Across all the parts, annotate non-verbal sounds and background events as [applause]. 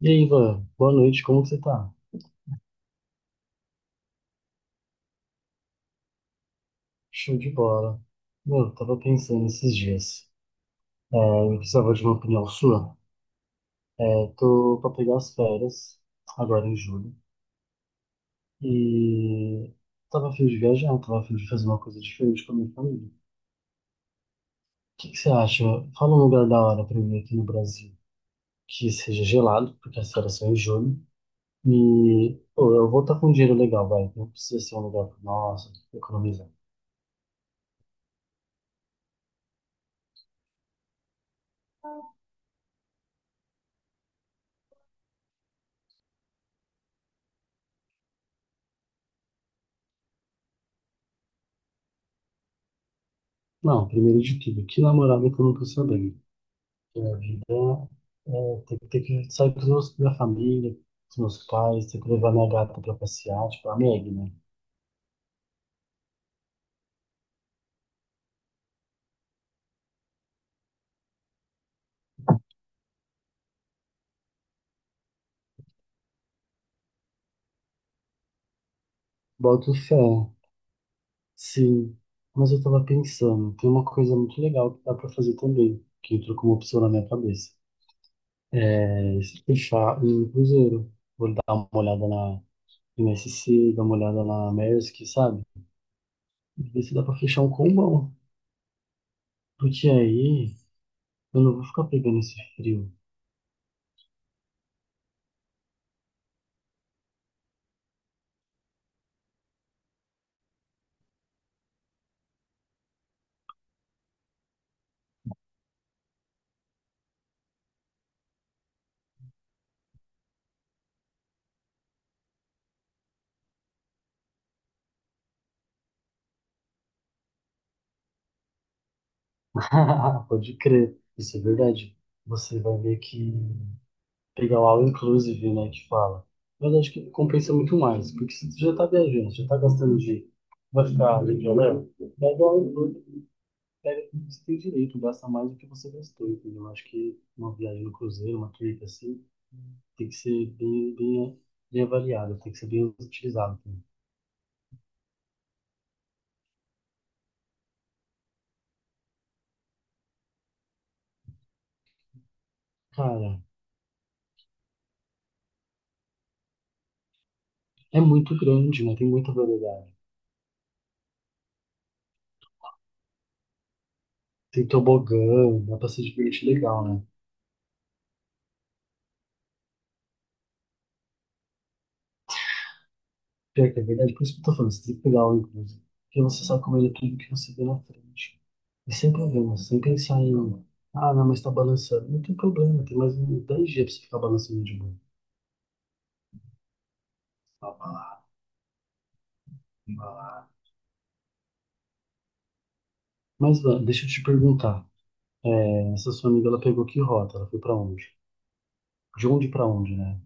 E aí, Ivan, boa noite, como que você tá? Show de bola. Meu, eu tava pensando esses dias, é, eu precisava de uma opinião sua. Tô pra pegar as férias, agora em julho, e tava a fim de viajar, tava a fim de fazer uma coisa diferente com a minha família. O que que você acha? Fala um lugar da hora pra mim aqui no Brasil, que seja gelado, porque as férias são em julho, e pô, eu vou estar com um dinheiro legal, vai, não precisa ser um lugar, nossa, economizar. Não, primeiro de tudo, que namorada que eu não tô sabendo. Que a vida é ter que sair com minha família, com os meus pais, ter que levar minha gata pra passear, tipo, a Meg, né? Boto fé, sim. Mas eu tava pensando, tem uma coisa muito legal que dá pra fazer também, que entrou como opção na minha cabeça. É se fechar um cruzeiro. Vou dar uma olhada na MSC, dar uma olhada na Maersk, sabe? E ver se dá pra fechar um combão. Porque aí eu não vou ficar pegando esse frio. [laughs] Pode crer, isso é verdade. Você vai ver que pegar o all inclusive, né, que fala. Mas acho que compensa muito mais, porque se tu já tá viajando, já tá gastando dinheiro, vai ficar legal mesmo, pega o all inclusive, pega tudo que você tem direito, gasta mais do que você gastou, entendeu? Acho que uma viagem no cruzeiro, uma trip assim, tem que ser bem, bem, né, bem avaliada, tem que ser bem utilizada também. Cara, é muito grande, né? Tem muita variedade. Tem tobogã, dá pra se divertir legal, né? Pior que é verdade, por isso que eu tô falando, você tem que pegar algo, inclusive. Porque você sabe comer tudo que você vê na frente. E sem problema, sem pensar em, ah, não, mas tá balançando. Não tem problema, tem mais uns 10 dias pra você ficar balançando de boa. Vá pra lá, vá lá. Mas Van, deixa eu te perguntar. Essa sua amiga, ela pegou que rota? Ela foi pra onde? De onde pra onde, né?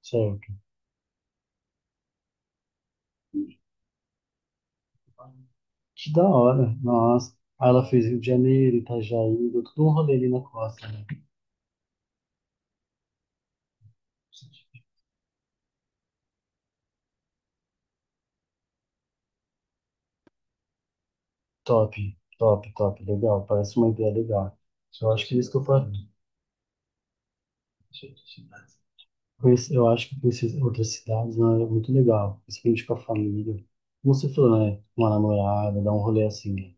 Certo. Que da hora, nossa. Aí ela fez Rio de Janeiro, Itajaí, deu tudo um rolê ali na costa, né? Top, top, top, legal. Parece uma ideia legal. Eu acho que é isso que eu faço. Eu acho que conhecer outras cidades, né, é muito legal, principalmente com a família. Como você falou, né? Uma namorada, dar um rolê assim, né?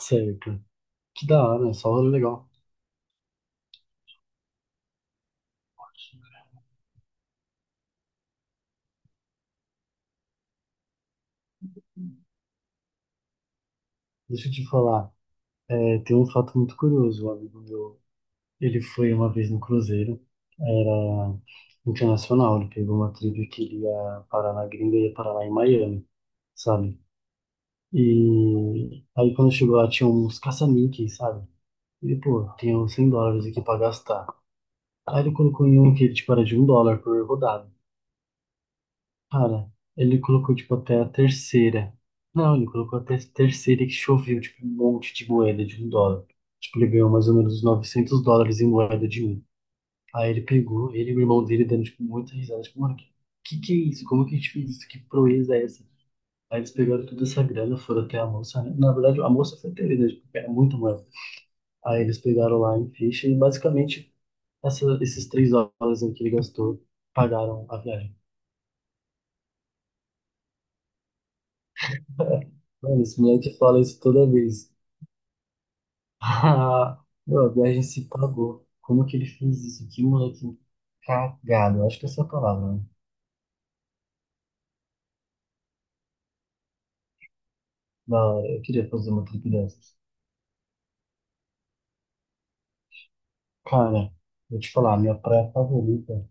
Certo? Que da hora, né? Só rolê legal. Deixa eu te falar, tem um fato muito curioso. Um amigo meu, ele foi uma vez no cruzeiro ah, internacional, ele pegou uma trip que ele ia parar na gringa e ia parar lá em Miami, sabe? E aí quando chegou lá tinha uns caça-níqueis, sabe? E pô, tenho $100 aqui pra gastar. Aí ele colocou em um que, tipo, era de $1 por rodada. Cara, ele colocou, tipo, até a terceira. Não, ele colocou até a terceira que choveu, tipo, um monte de moeda de $1. Tipo, ele ganhou mais ou menos uns $900 em moeda de um. Aí ele pegou, ele e o irmão dele dando, tipo, muita risada. Tipo, mano, que é isso? Como que a gente fez isso? Que proeza é essa? Aí eles pegaram toda essa grana, foram até a moça, né? Na verdade, a moça foi ter, né? Tipo, era muita moeda. Aí eles pegaram lá em ficha e, basicamente, esses 3 horas aí que ele gastou pagaram a viagem. Mano, esse moleque fala isso toda vez. [laughs] Ah, meu, a viagem se pagou. Como que ele fez isso? Que moleque cagado. Eu acho que essa é a palavra, né? Da hora. Eu queria fazer uma trip dessas. Cara, vou te falar, minha praia favorita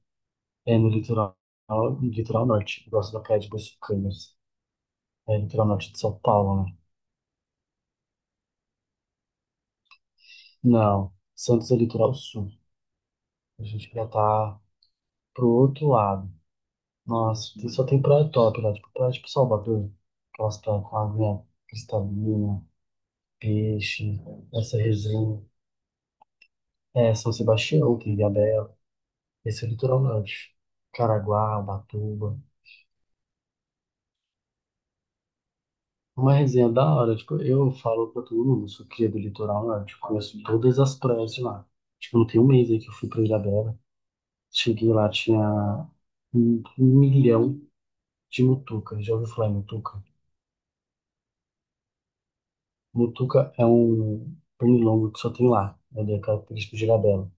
é no litoral, no litoral norte. Eu gosto da praia de Boiçucanas. É litoral norte de São Paulo, né? Não, Santos é litoral sul. A gente já tá pro outro lado. Nossa, só tem praia top lá, tipo, praia tipo Salvador, aquelas praias com água cristalina, peixe, essa resenha. São Sebastião, tem Ilhabela, esse é o litoral norte. Caraguá, Ubatuba. Uma resenha da hora, tipo, eu falo pra todo mundo, eu sou cria do litoral norte, conheço todas as praias de lá. Tipo, não tem um mês aí que eu fui pra Ilhabela, cheguei lá, tinha um milhão de mutucas, já ouviu falar em mutuca? Mutuca é um pernilongo que só tem lá, né? Ele é característico de Ilhabela.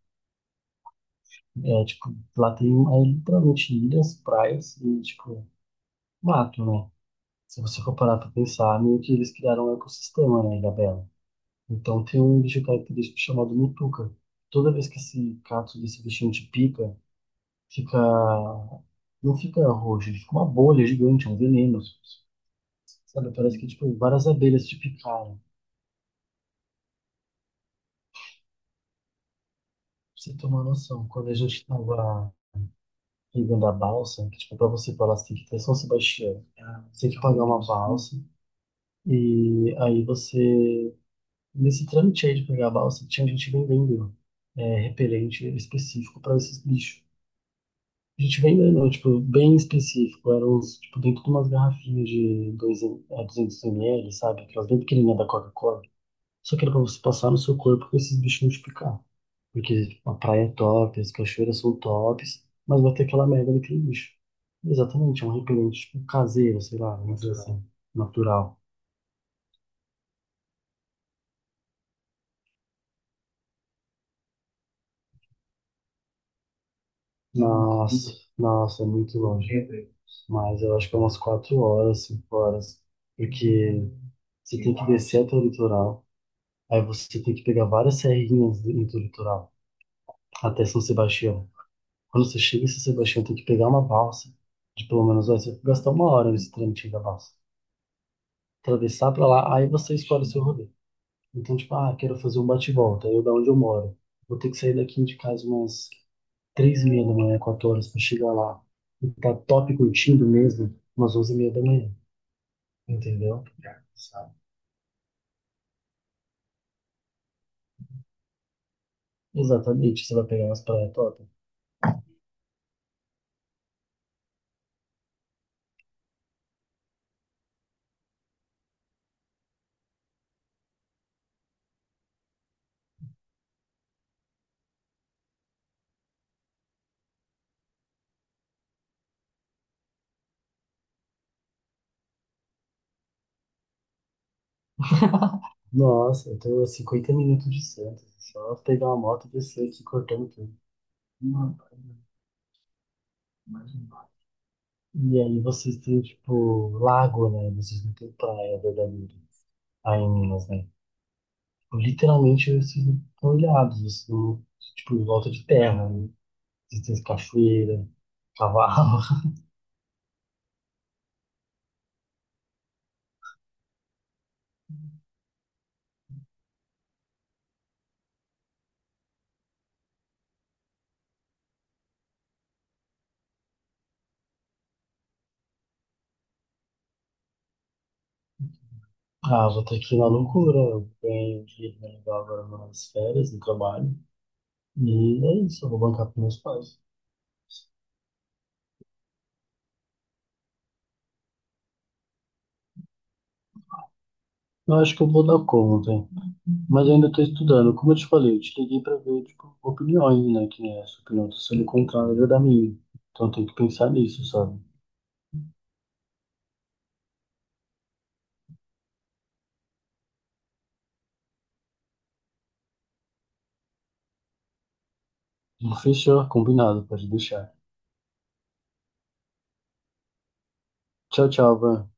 É, tipo, lá tem literalmente ilhas, praias e, tipo, mato, né? Se você for parar pra pensar, meio que eles criaram um ecossistema, né, Ilhabela. Então tem um bicho característico chamado Mutuca. Toda vez que esse cato desse bichinho te pica, fica... Não fica roxo, ele fica uma bolha gigante, é um veneno. Sabe, parece que, tipo, várias abelhas te picaram. Pra você ter uma noção, quando a gente tava vivendo a balsa, que, tipo, pra você falar assim, que tem São Sebastião, você tem que pagar uma balsa, e aí você, nesse trâmite aí de pegar a balsa, tinha gente vendendo repelente específico para esses bichos. A gente vendendo, tipo, bem específico, eram uns, tipo, dentro de umas garrafinhas de 200 ml, sabe? Aquelas bem pequenininhas da Coca-Cola. Só que era pra você passar no seu corpo com esses bichos multiplicar. Porque a praia é top, as cachoeiras são tops, mas vai ter aquela merda daquele bicho. Exatamente, é um repelente tipo, caseiro, sei lá, vamos dizer assim, natural. Nossa, nossa, é muito longe. Mas eu acho que é umas 4 horas, 5 horas. Porque você tem que descer até o litoral, aí você tem que pegar várias serrinhas dentro do litoral, até São Sebastião. Quando você chega em São Sebastião, tem que pegar uma balsa. De pelo menos gastar 1 hora nesse trâmite da balsa. Atravessar pra lá, aí você escolhe o seu rolê. Então, tipo, ah, quero fazer um bate-volta. Eu da onde eu moro. Vou ter que sair daqui de casa umas 3:30 da manhã, 4 horas pra chegar lá. E tá top curtindo mesmo, umas 11:30 da manhã. Entendeu? Exatamente, você vai pegar umas praias top. Nossa, eu tô a 50 minutos de Santos. Só pegar uma moto e descer aqui cortando tudo. E aí vocês têm, tipo, lago, né? Vocês não têm praia verdadeira aí em Minas, né? Tipo, literalmente vocês não estão ilhados, vocês não, tipo, em volta de terra, né? Vocês têm cachoeira, cavalo. [laughs] Ah, vou estar aqui na loucura. Eu ganhei um dinheiro legal agora nas férias, no trabalho. E é isso, eu vou bancar com meus pais. Eu acho que eu vou dar conta, mas eu ainda estou estudando. Como eu te falei, eu te liguei para ver, tipo, opiniões, né? Que essa opinião está sendo contrária da minha. Então tem que pensar nisso, sabe? Fechou, combinado, pode deixar. Tchau, tchau, Van.